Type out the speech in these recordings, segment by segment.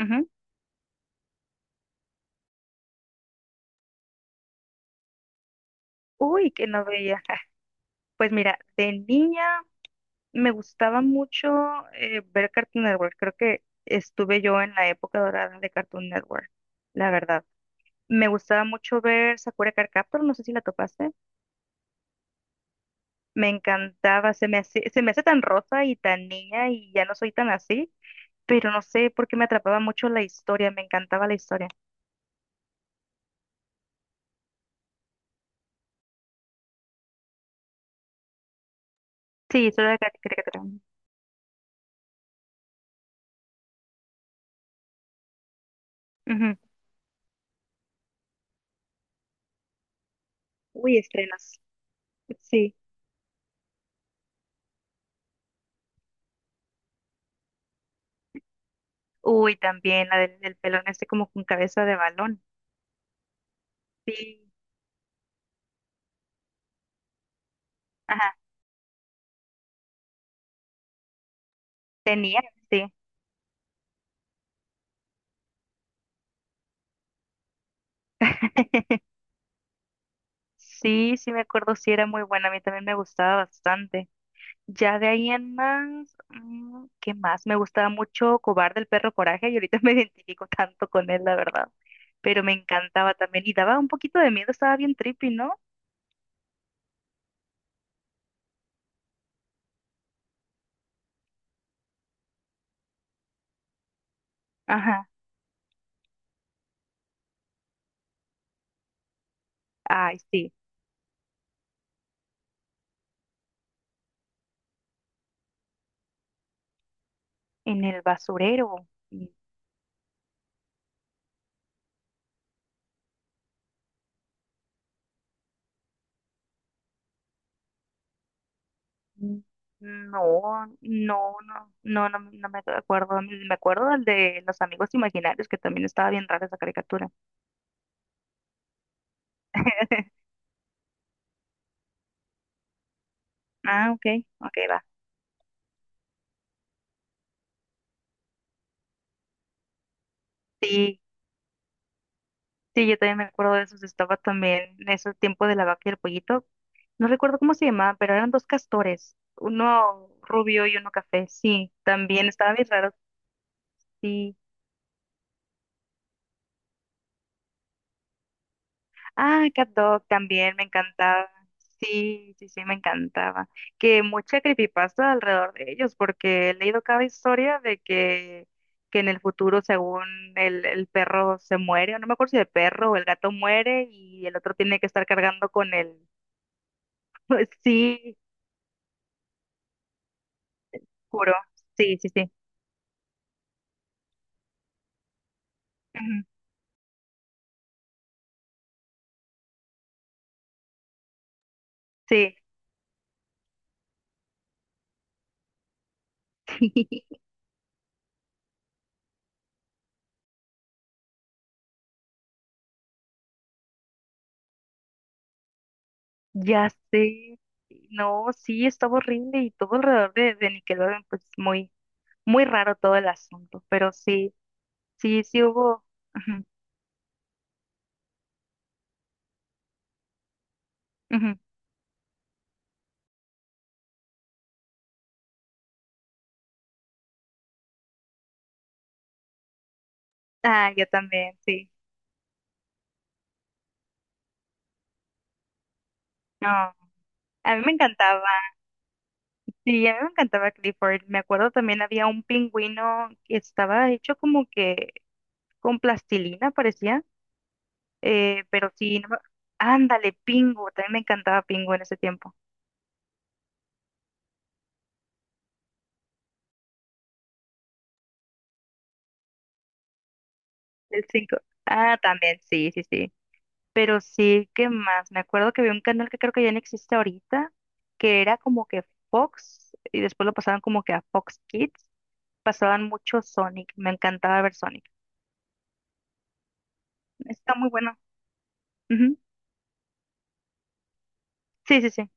Ujú. Uy, que no veía. Pues mira, de niña me gustaba mucho ver Cartoon Network. Creo que estuve yo en la época dorada de Cartoon Network, la verdad. Me gustaba mucho ver Sakura Card Captor, no sé si la topaste. Me encantaba, se me hace tan rosa y tan niña y ya no soy tan así, pero no sé por qué me atrapaba mucho la historia, me encantaba la historia. Sí, historia de caricatura. Ujú. Uy, estrenos. Sí. Uy, también la del pelón este como con cabeza de balón. Sí, ajá, tenía, sí. Sí, sí me acuerdo, sí era muy buena, a mí también me gustaba bastante. Ya de ahí en más, ¿qué más? Me gustaba mucho Cobarde el perro Coraje y ahorita me identifico tanto con él, la verdad. Pero me encantaba también y daba un poquito de miedo, estaba bien trippy, ¿no? Ajá, ay, sí, en el basurero. Mm, No, no, no, no, no, no me acuerdo, me acuerdo del de Los Amigos Imaginarios, que también estaba bien rara esa caricatura. Ah, ok, ok, va. Sí, sí, yo también me acuerdo de esos. Estaba también en ese tiempo de la vaca y el pollito. No recuerdo cómo se llamaba, pero eran dos castores, uno rubio y uno café. Sí, también estaba bien raro. Sí. Ah, Cat Dog también me encantaba. Sí, sí, sí, me encantaba. Que mucha creepypasta alrededor de ellos, porque he leído cada historia de que en el futuro, según el perro se muere, o no me acuerdo si el perro o el gato muere y el otro tiene que estar cargando con el... Sí, juro. Sí, sí, sí. Ujú. Sí, ya sé. No, sí, estaba horrible y todo alrededor de Nickelodeon, pues muy, muy raro todo el asunto, pero sí. Sí, sí hubo. Ujú, ujú. Ah, yo también, sí. No, a mí me encantaba. Sí, a mí me encantaba Clifford. Me acuerdo también había un pingüino que estaba hecho como que con plastilina, parecía. Pero sí, no me- ándale, Pingu. También me encantaba Pingu en ese tiempo. El cinco. Ah, también, sí, sí, sí. Pero sí, ¿qué más? Me acuerdo que había un canal que creo que ya no existe ahorita, que era como que Fox, y después lo pasaban como que a Fox Kids. Pasaban mucho Sonic, me encantaba ver Sonic. Está muy bueno. Ujú. Sí, sí, sí.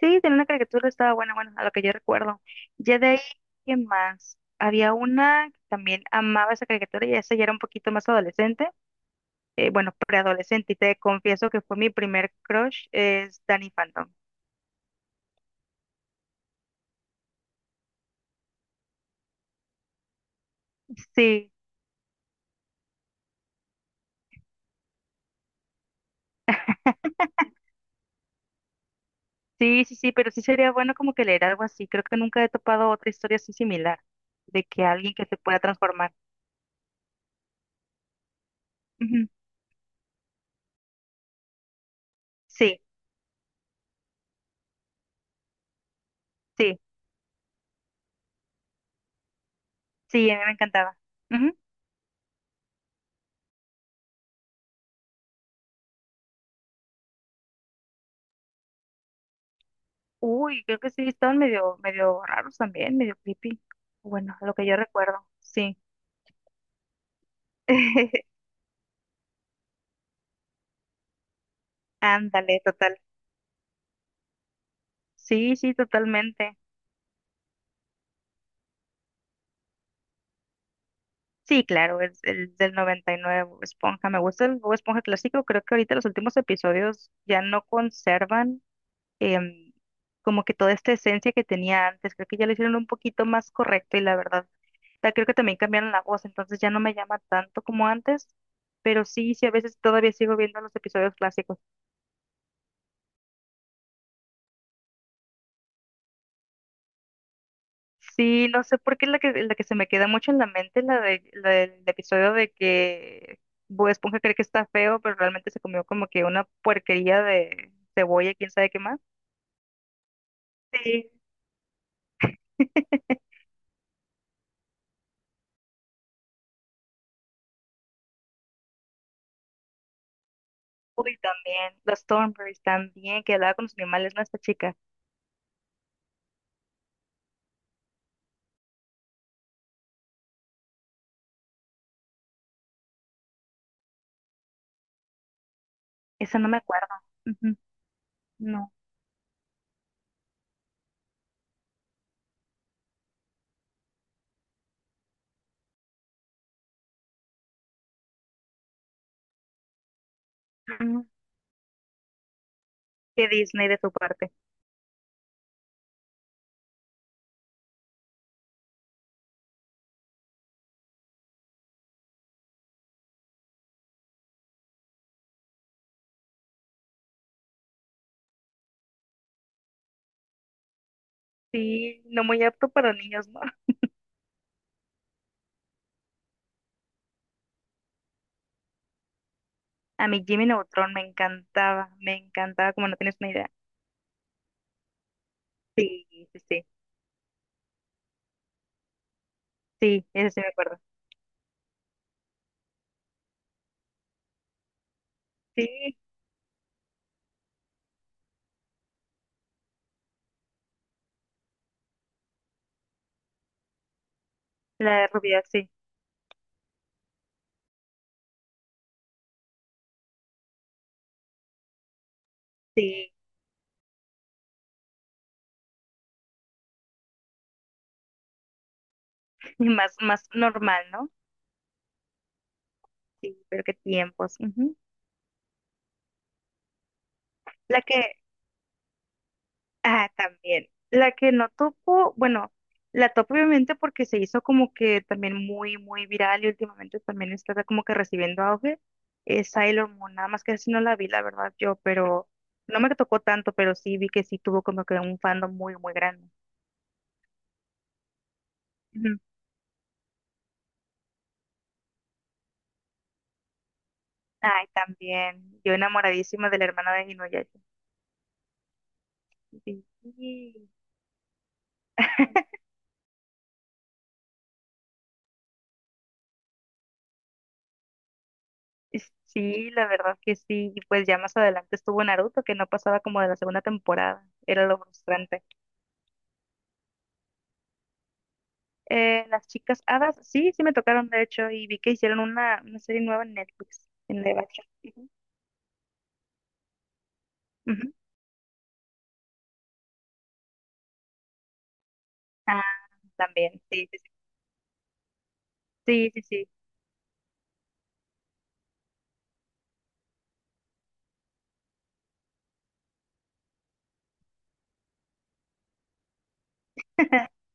Sí, tenía una caricatura, estaba buena, bueno, a lo que yo recuerdo. Ya de ahí, ¿qué más? Había una que también amaba esa caricatura y esa ya era un poquito más adolescente, bueno, preadolescente, y te confieso que fue mi primer crush, es Danny Phantom. Sí, sí, sí, sí, pero sí sería bueno como que leer algo así. Creo que nunca he topado otra historia así similar, de que alguien que se pueda transformar. Ujú. Sí, sí, sí, a mí me encantaba. Uy, creo que sí, estaban medio, medio raros también, medio creepy. Bueno, lo que yo recuerdo, sí. Ándale, total. Sí, sí, totalmente. Sí, claro, es el del 99, Bob Esponja. Me gusta el Bob Esponja clásico. Creo que ahorita los últimos episodios ya no conservan em, como que toda esta esencia que tenía antes. Creo que ya lo hicieron un poquito más correcto y la verdad, creo que también cambiaron la voz, entonces ya no me llama tanto como antes. Pero sí, sí, a veces todavía sigo viendo los episodios clásicos. Sí, no sé por qué la que se me queda mucho en la mente, la del episodio de que Bob Esponja cree que está feo, pero realmente se comió como que una puerquería de cebolla, quién sabe qué más. Sí. Uy, también, los Thornberrys también, que hablaba con los animales, ¿no? Esta chica. Esa no me acuerdo. Ujú. No. Mm, Qué Disney de su parte. Sí, no muy apto para niños, ¿no? A mí Jimmy Neutron me encantaba, como no tienes una idea. Sí, sí, sí. Sí, ese sí me acuerdo. Sí, la de Rubia, sí, sí, y más, más normal, ¿no? Sí, pero qué tiempos. Ujú. La que, ah, también, la que no topo, bueno, la topo obviamente porque se hizo como que también muy, muy viral y últimamente también está como que recibiendo auge, es Sailor Moon, nada más que así no la vi, la verdad, yo, pero no me tocó tanto, pero sí vi que sí tuvo como que un fandom muy, muy grande. Ujú. Ay, también, yo enamoradísima de la hermana de Inuyasha. Sí. Sí. Sí, la verdad que sí. Y pues ya más adelante estuvo Naruto, que no pasaba como de la segunda temporada. Era lo frustrante. Las chicas hadas, sí, sí me tocaron, de hecho, y vi que hicieron una serie nueva en Netflix, en live action. Ujú. Ujú. Ah, también, sí, sí, sí, sí, sí. Sí.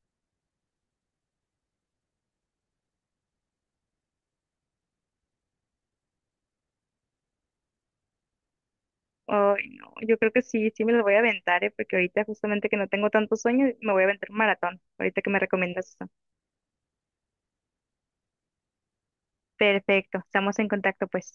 Ay, no, yo creo que sí, sí me lo voy a aventar, ¿eh? Porque ahorita justamente que no tengo tanto sueño, me voy a aventar un maratón, ahorita que me recomiendas eso. Perfecto, estamos en contacto, pues.